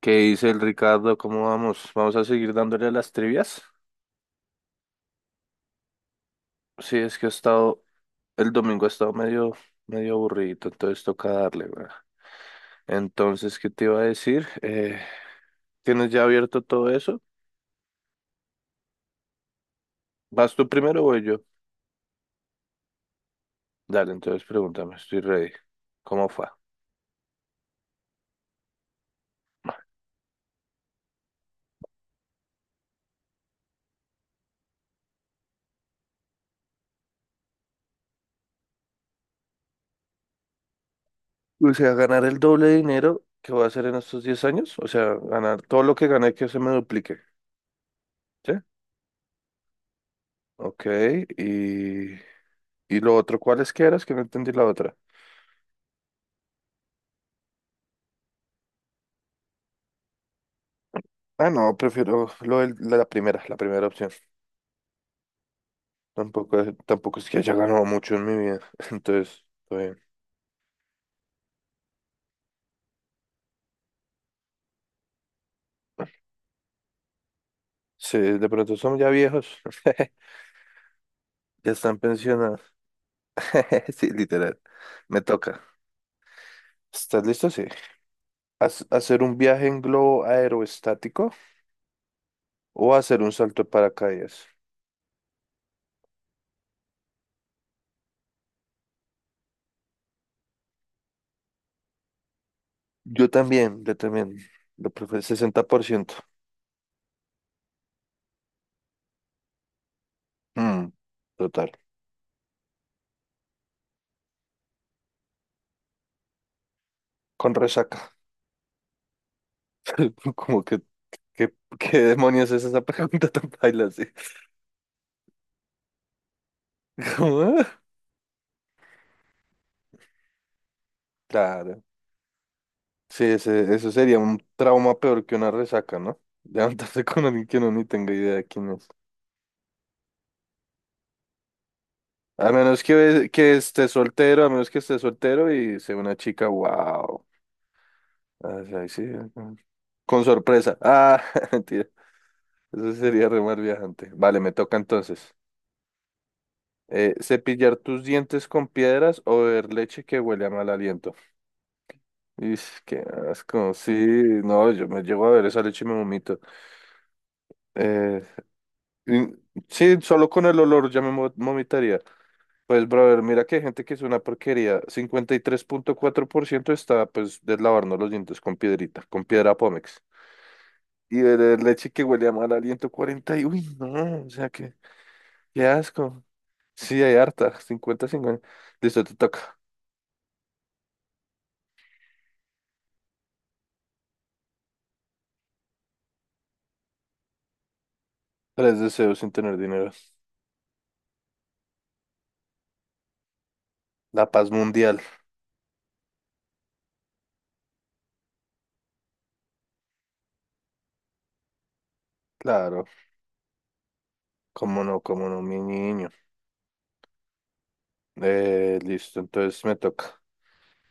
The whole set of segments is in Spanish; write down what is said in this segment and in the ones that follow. ¿Qué dice el Ricardo? ¿Cómo vamos? ¿Vamos a seguir dándole a las trivias? Sí, es que he estado, el domingo he estado medio, medio aburrido, entonces toca darle, ¿verdad? Entonces, ¿qué te iba a decir? ¿Tienes ya abierto todo eso? ¿Vas tú primero o voy yo? Dale, entonces pregúntame, estoy ready. ¿Cómo fue? O sea, ganar el doble de dinero que voy a hacer en estos 10 años, o sea, ganar todo lo que gané que se me duplique, ¿sí? Ok, y... ¿Y lo otro? ¿Cuáles que eras? Que no entendí la otra. Ah, no, prefiero lo del- la la primera opción. Tampoco es que haya ganado mucho en mi vida. Entonces, está bien. Sí, de pronto son ya viejos. Ya están pensionados. Sí, literal. Me toca. ¿Estás listo? Sí. ¿Hacer un viaje en globo aeroestático o hacer un salto de paracaídas? Yo también, yo también. Lo prefiero 60%. Mm, total. Con resaca. Como que ¿Qué, qué demonios es esa pregunta tan paila? Sí. ¿Cómo? Claro. Sí, eso sería un trauma peor que una resaca, ¿no? Levantarse con alguien que no ni tenga idea de quién es. A menos que esté soltero, a menos que esté soltero y sea una chica, wow. Ah, sí, ahí sí, ajá. Con sorpresa. Ah, mentira. Eso sería re mal viajante. Vale, me toca entonces. ¿Cepillar tus dientes con piedras o beber leche que huele a mal aliento? Ish, qué asco. Sí, no, yo me llego a ver esa leche y me vomito. Eh, y- sí, solo con el olor ya vomitaría. Pues, brother, mira que hay gente que es una porquería. 53,4% está, pues, deslavarnos los dientes con piedrita, con piedra Pómex. Y beber leche que huele a mal aliento 40 y, uy, no, o sea, que, qué asco. Sí, hay harta, 50 50. Listo, te toca. Tres deseos sin tener dinero. La paz mundial, claro. Cómo no, mi niño. Listo, entonces me toca.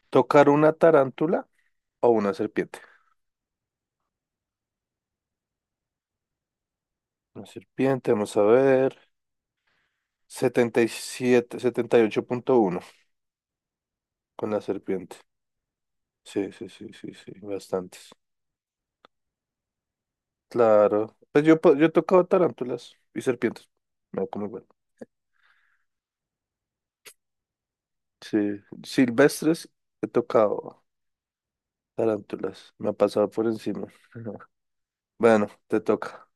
¿Tocar una tarántula o una serpiente? Una serpiente, vamos a ver. 78,1 con la serpiente. Sí, sí, sí, sí, sí, bastantes. Claro. Pues yo he tocado tarántulas y serpientes. Me da como igual. Sí, silvestres he tocado tarántulas. Me ha pasado por encima. Bueno, te toca.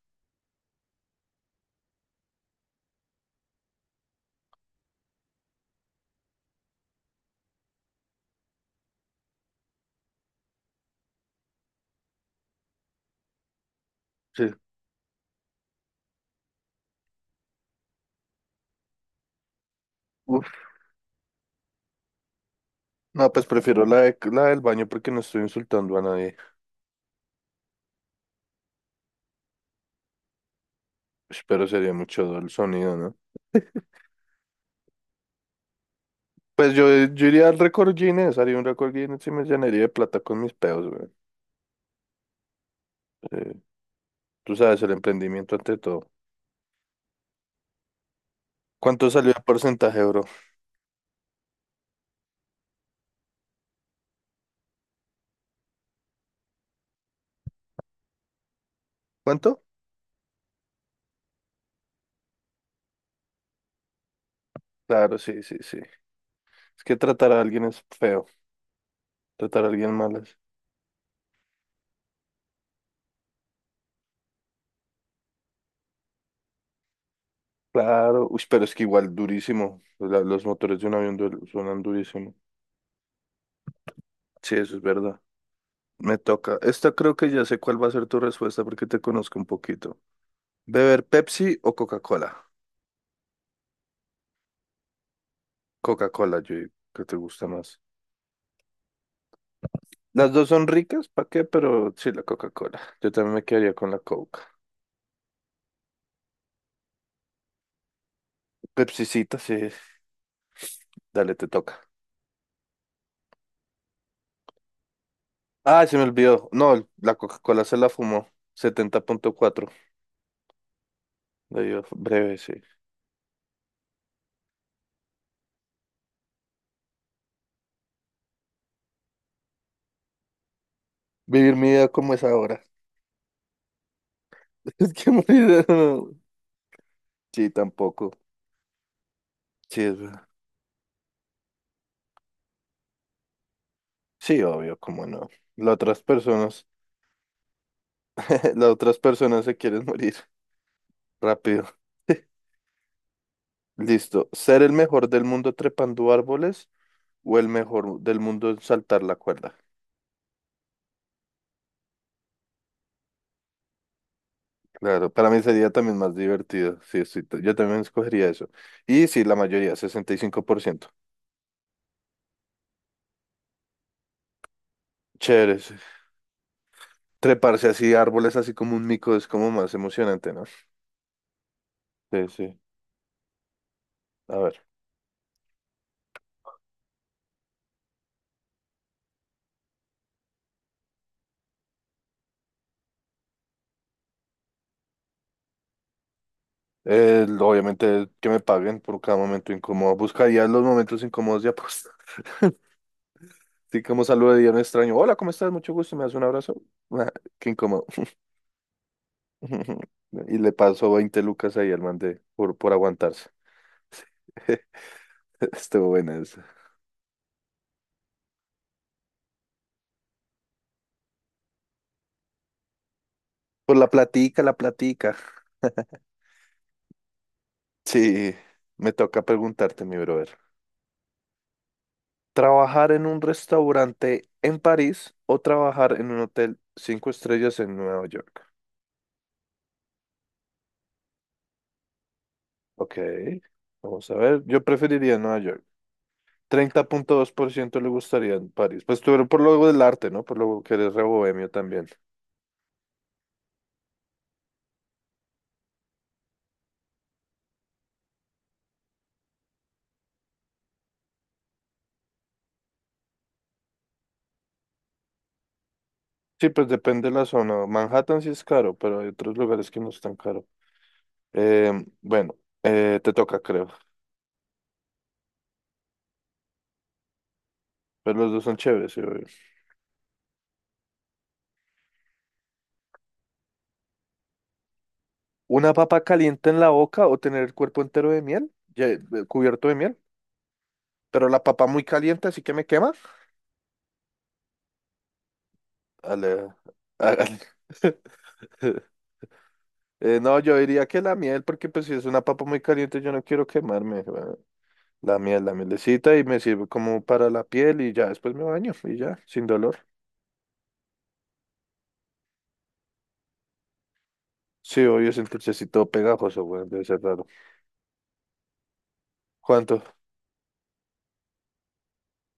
Sí. Uf. No, pues prefiero la del baño porque no estoy insultando a nadie. Ush, pero sería el sonido, ¿no? Pues yo iría al récord Guinness, haría un récord Guinness y me llenaría de plata con mis peos, güey. Eh, tú sabes, el emprendimiento ante todo. ¿Cuánto salió el porcentaje, bro? ¿Cuánto? Claro, sí, sí, sí. Es que tratar a alguien es feo, tratar a alguien mal es... Claro, uy, pero es que igual durísimo. Los motores de un avión suenan durísimo. Sí, eso es verdad. Me toca. Esta creo que ya sé cuál va a ser tu respuesta porque te conozco un poquito. ¿Beber Pepsi o Coca-Cola? Coca-Cola, yo digo que te gusta más. Las dos son ricas, ¿para qué? Pero sí, la Coca-Cola. Yo también me quedaría con la Coca. Pepsicita, sí. Dale, te toca. Ah, se me olvidó. No, la Coca-Cola se la fumó. 70,4. Le dio breve, sí. Vivir mi vida como es ahora. Es que morir. No. Sí, tampoco. Sí, es verdad. Sí, obvio, cómo no. Las otras personas, las otras personas se quieren morir rápido. Listo. Ser el mejor del mundo trepando árboles o el mejor del mundo en saltar la cuerda. Claro, para mí sería también más divertido. Sí, yo también escogería eso. Y sí, la mayoría, 65%. Chévere. Sí. Treparse así, árboles así como un mico es como más emocionante, ¿no? Sí, sí. A ver. Obviamente que me paguen por cada momento incómodo. Buscaría los momentos incómodos de aposta. Así como saludaría a un extraño. Hola, ¿cómo estás? Mucho gusto. ¿Me das un abrazo? Ah, qué incómodo. Y le paso 20 lucas ahí al man por aguantarse. Estuvo buena esa. Pues la platica, la platica. Sí, me toca preguntarte, mi brother. ¿Trabajar en un restaurante en París o trabajar en un hotel 5 estrellas en Nueva York? Ok, vamos a ver. Yo preferiría Nueva York. 30,2% le gustaría en París. Pues tú eres por lo del arte, ¿no? Por lo que eres re bohemio también. Sí, pues depende de la zona. Manhattan sí es caro, pero hay otros lugares que no es tan caro. Eh, bueno, te toca, creo. Pero los dos son chéveres, sí, obvio. Una papa caliente en la boca o tener el cuerpo entero de miel, ya, cubierto de miel, pero la papa muy caliente, así que me quema. Ale- hágale. No, yo diría que la miel, porque pues si es una papa muy caliente, yo no quiero quemarme. Bueno, la miel, la mielecita y me sirve como para la piel y ya después me baño y ya, sin dolor. Sí, obvio, es un dulcecito pegajoso, bueno, debe ser raro. ¿Cuánto?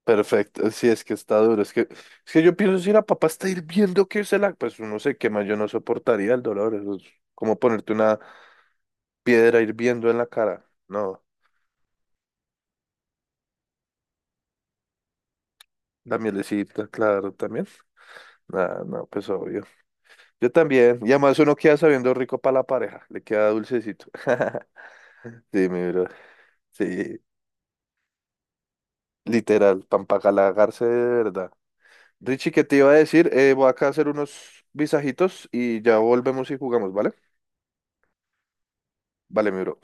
Perfecto, sí, es que está duro. Es que yo pienso si la papá está hirviendo que pues uno se quema, yo no soportaría el dolor. Eso es como ponerte una piedra hirviendo en la cara. No, la mielecita, claro, también. Ah, no, pues obvio. Yo también. Y además uno queda sabiendo rico para la pareja, le queda dulcecito. Sí, mi bro. Sí, literal, pan de verdad. Richie, ¿qué te iba a decir? Voy acá a hacer unos visajitos y ya volvemos y jugamos, ¿vale? Vale, mi bro.